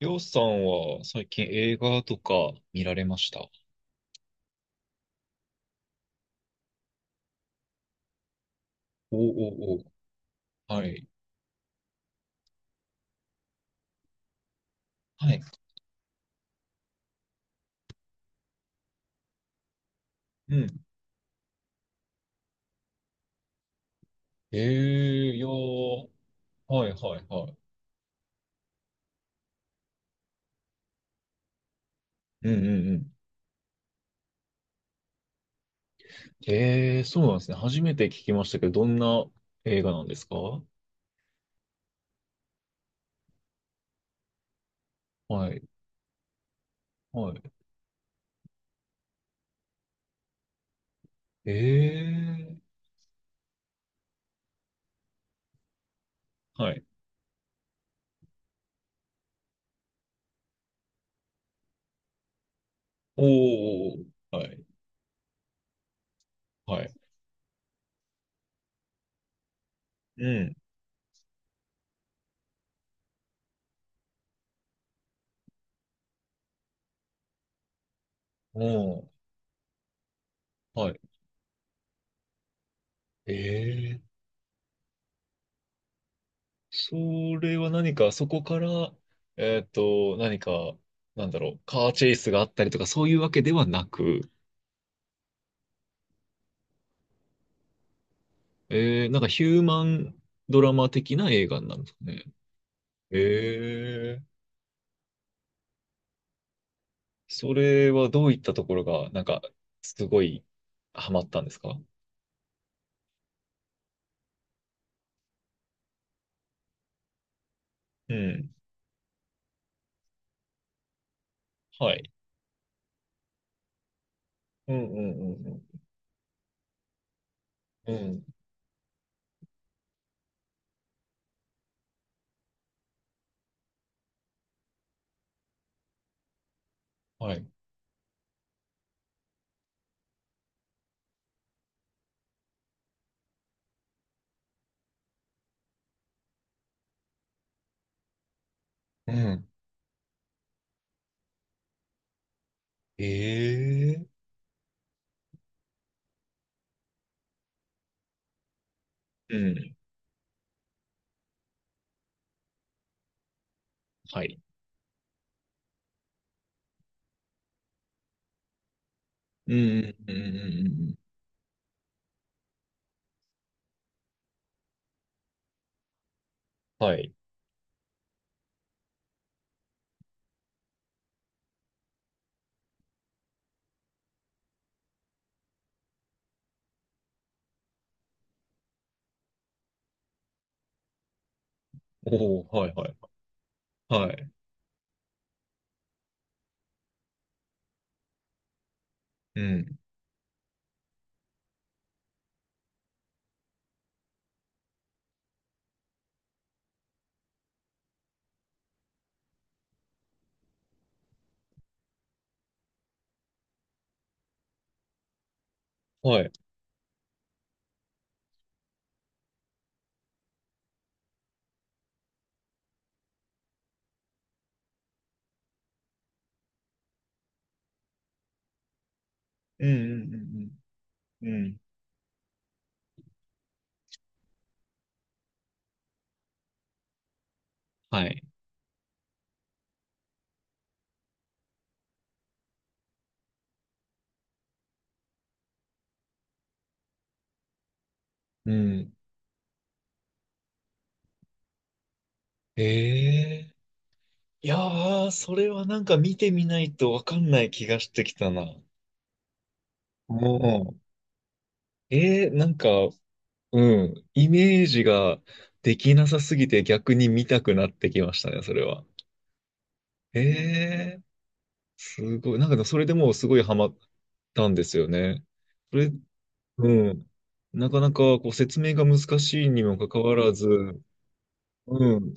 りょうさんは最近映画とか見られました？おおお、はい。はい。うん。ええ、いやー、はいはいはい。うんうんうん。ええ、そうなんですね。初めて聞きましたけど、どんな映画なんですか？はい。はい。え、はい。おーおー、はい。はい。うん。おー、はい。えそれは何か、そこから、何か、なんだろう、カーチェイスがあったりとか、そういうわけではなく、なんかヒューマンドラマ的な映画なんですかね。えー、それはどういったところが、なんか、すごい、ハマったんですか？うん。はい。うんうんうんうん。うん。はい。うん。えー。うん。はい。うんうんうんうんうんうん。はい。おお、はいはい。はい。うん。はい。うんうんうんうん。はい。うんうん、ええ、いやー、それはなんか見てみないとわかんない気がしてきたな。もう、なんか、うん、イメージができなさすぎて逆に見たくなってきましたね、それは。えーすごい。なんかでもそれでもうすごいハマったんですよね。それ、うん。なかなかこう説明が難しいにもかかわらず、うん。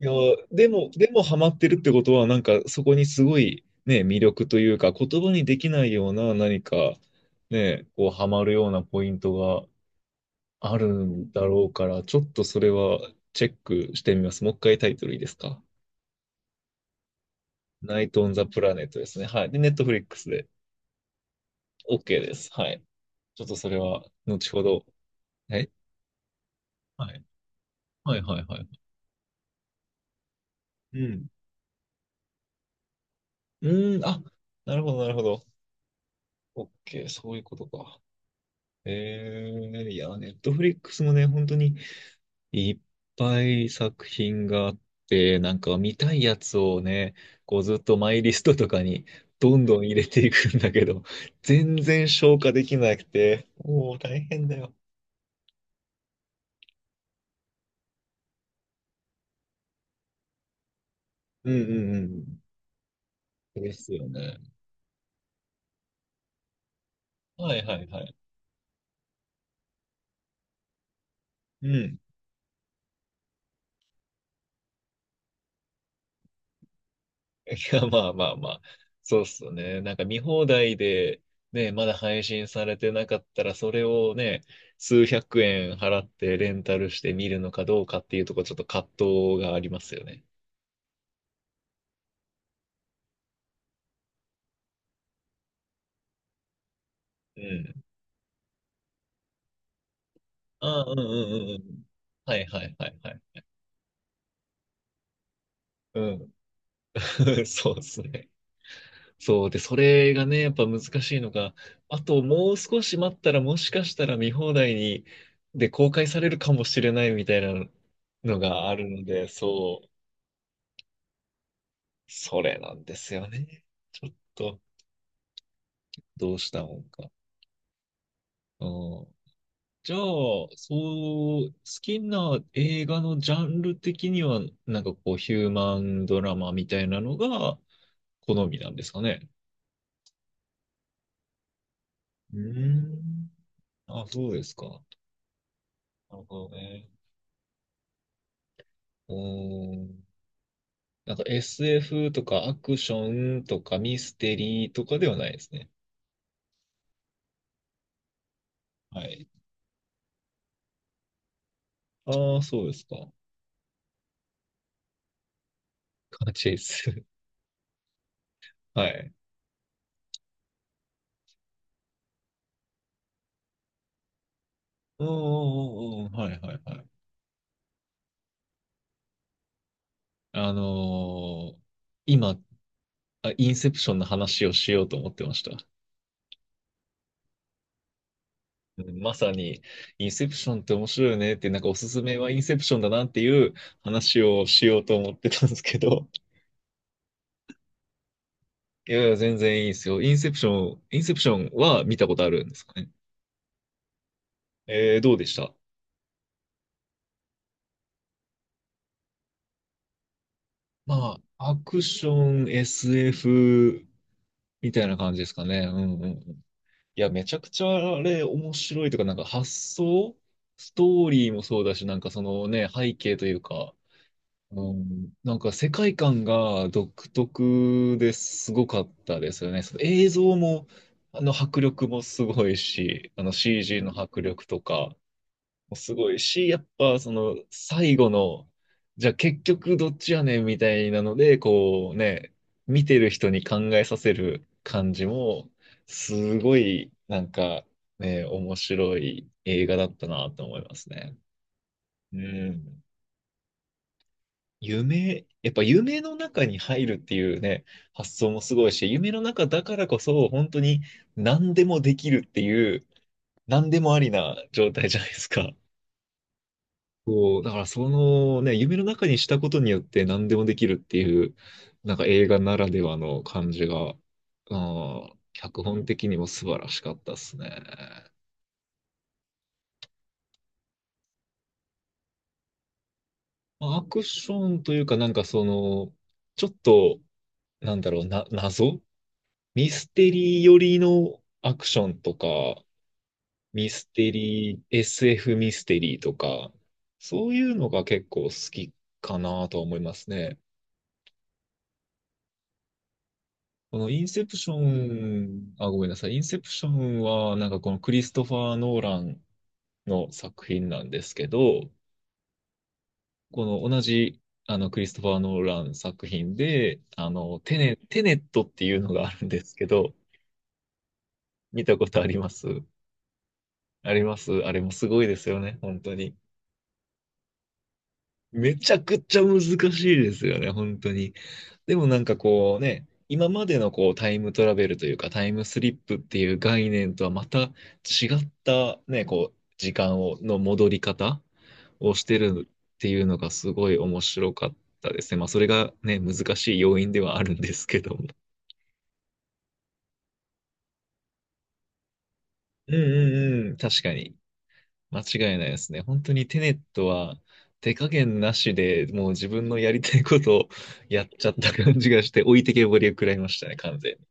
いや、でもハマってるってことは、なんかそこにすごいね、魅力というか、言葉にできないような何か、ね、こうハマるようなポイントがあるんだろうから、ちょっとそれはチェックしてみます。もう一回タイトルいいですか？ナイト・オン・ザ・プラネットですね。はい。で、ネットフリックスで OK です。はい。ちょっとそれは後ほど。え、はい。はいはいはい。うん。うん、あ、なるほどなるほど。OK、そういうことか。えいや、ネットフリックスもね、本当にいっぱい作品があって、なんか見たいやつをね、こうずっとマイリストとかにどんどん入れていくんだけど、全然消化できなくて、もう大変だよ。うんうんうん。ですよね。はいはいはい。うん。いや、まあまあまあ。そうっすよね。なんか見放題で、ね、まだ配信されてなかったら、それをね、数百円払ってレンタルして見るのかどうかっていうところ、ちょっと葛藤がありますよね。うん。ああ、うんうんうんうん。はいはいはいはい。うん。そうですね。そう。で、それがね、やっぱ難しいのが、あともう少し待ったら、もしかしたら見放題に、で、公開されるかもしれないみたいなのがあるので、そう。それなんですよね。ちょっと、どうしたもんか。うん。じゃあ、そう、好きな映画のジャンル的には、なんかこう、ヒューマンドラマみたいなのが好みなんですかね。うーん。あ、そうですか。なるほどね。うーん。なんか SF とかアクションとかミステリーとかではないですね。はい。ああ、そうですか。ガチェイス。はい。うんうんうんうん。はいはいはい。あのー今、インセプションの話をしようと思ってました。うん、まさに、インセプションって面白いよねって、なんかおすすめはインセプションだなっていう話をしようと思ってたんですけど、いやいや、全然いいですよ。インセプションは見たことあるんですかね。どうでした？まあ、アクション、SF みたいな感じですかね。うんうんうん、いや、めちゃくちゃあれ面白いというか、なんか発想、ストーリーもそうだし、なんかそのね、背景というか、うん、なんか世界観が独特ですごかったですよね。その映像も、あの迫力もすごいし、あの CG の迫力とか、もすごいし、やっぱその最後の、じゃあ結局どっちやねんみたいなので、こうね、見てる人に考えさせる感じも、すごいなんかね、面白い映画だったなと思いますね。うん。やっぱ夢の中に入るっていうね、発想もすごいし、夢の中だからこそ本当に何でもできるっていう、何でもありな状態じゃないですか。こう、だからそのね、夢の中にしたことによって何でもできるっていう、なんか映画ならではの感じが、脚本的にも素晴らしかったですね。まあアクションというかなんかその、ちょっと、なんだろうな、謎ミステリー寄りのアクションとか、ミステリー、SF ミステリーとか、そういうのが結構好きかなとは思いますね。このインセプション、あ、ごめんなさい。インセプションは、なんかこのクリストファー・ノーランの作品なんですけど、この同じ、クリストファー・ノーラン作品で、テネットっていうのがあるんですけど、見たことあります？あります、あれもすごいですよね、本当に。めちゃくちゃ難しいですよね、本当に。でもなんかこうね、今までのこうタイムトラベルというかタイムスリップっていう概念とはまた違ったね、こう時間を、の戻り方をしてるっていうのがすごい面白かったですね。まあそれがね、難しい要因ではあるんですけども。うんうんうん、確かに。間違いないですね。本当にテネットは手加減なしでもう自分のやりたいことをやっちゃった感じがして置いてけぼりを食らいましたね、完全に。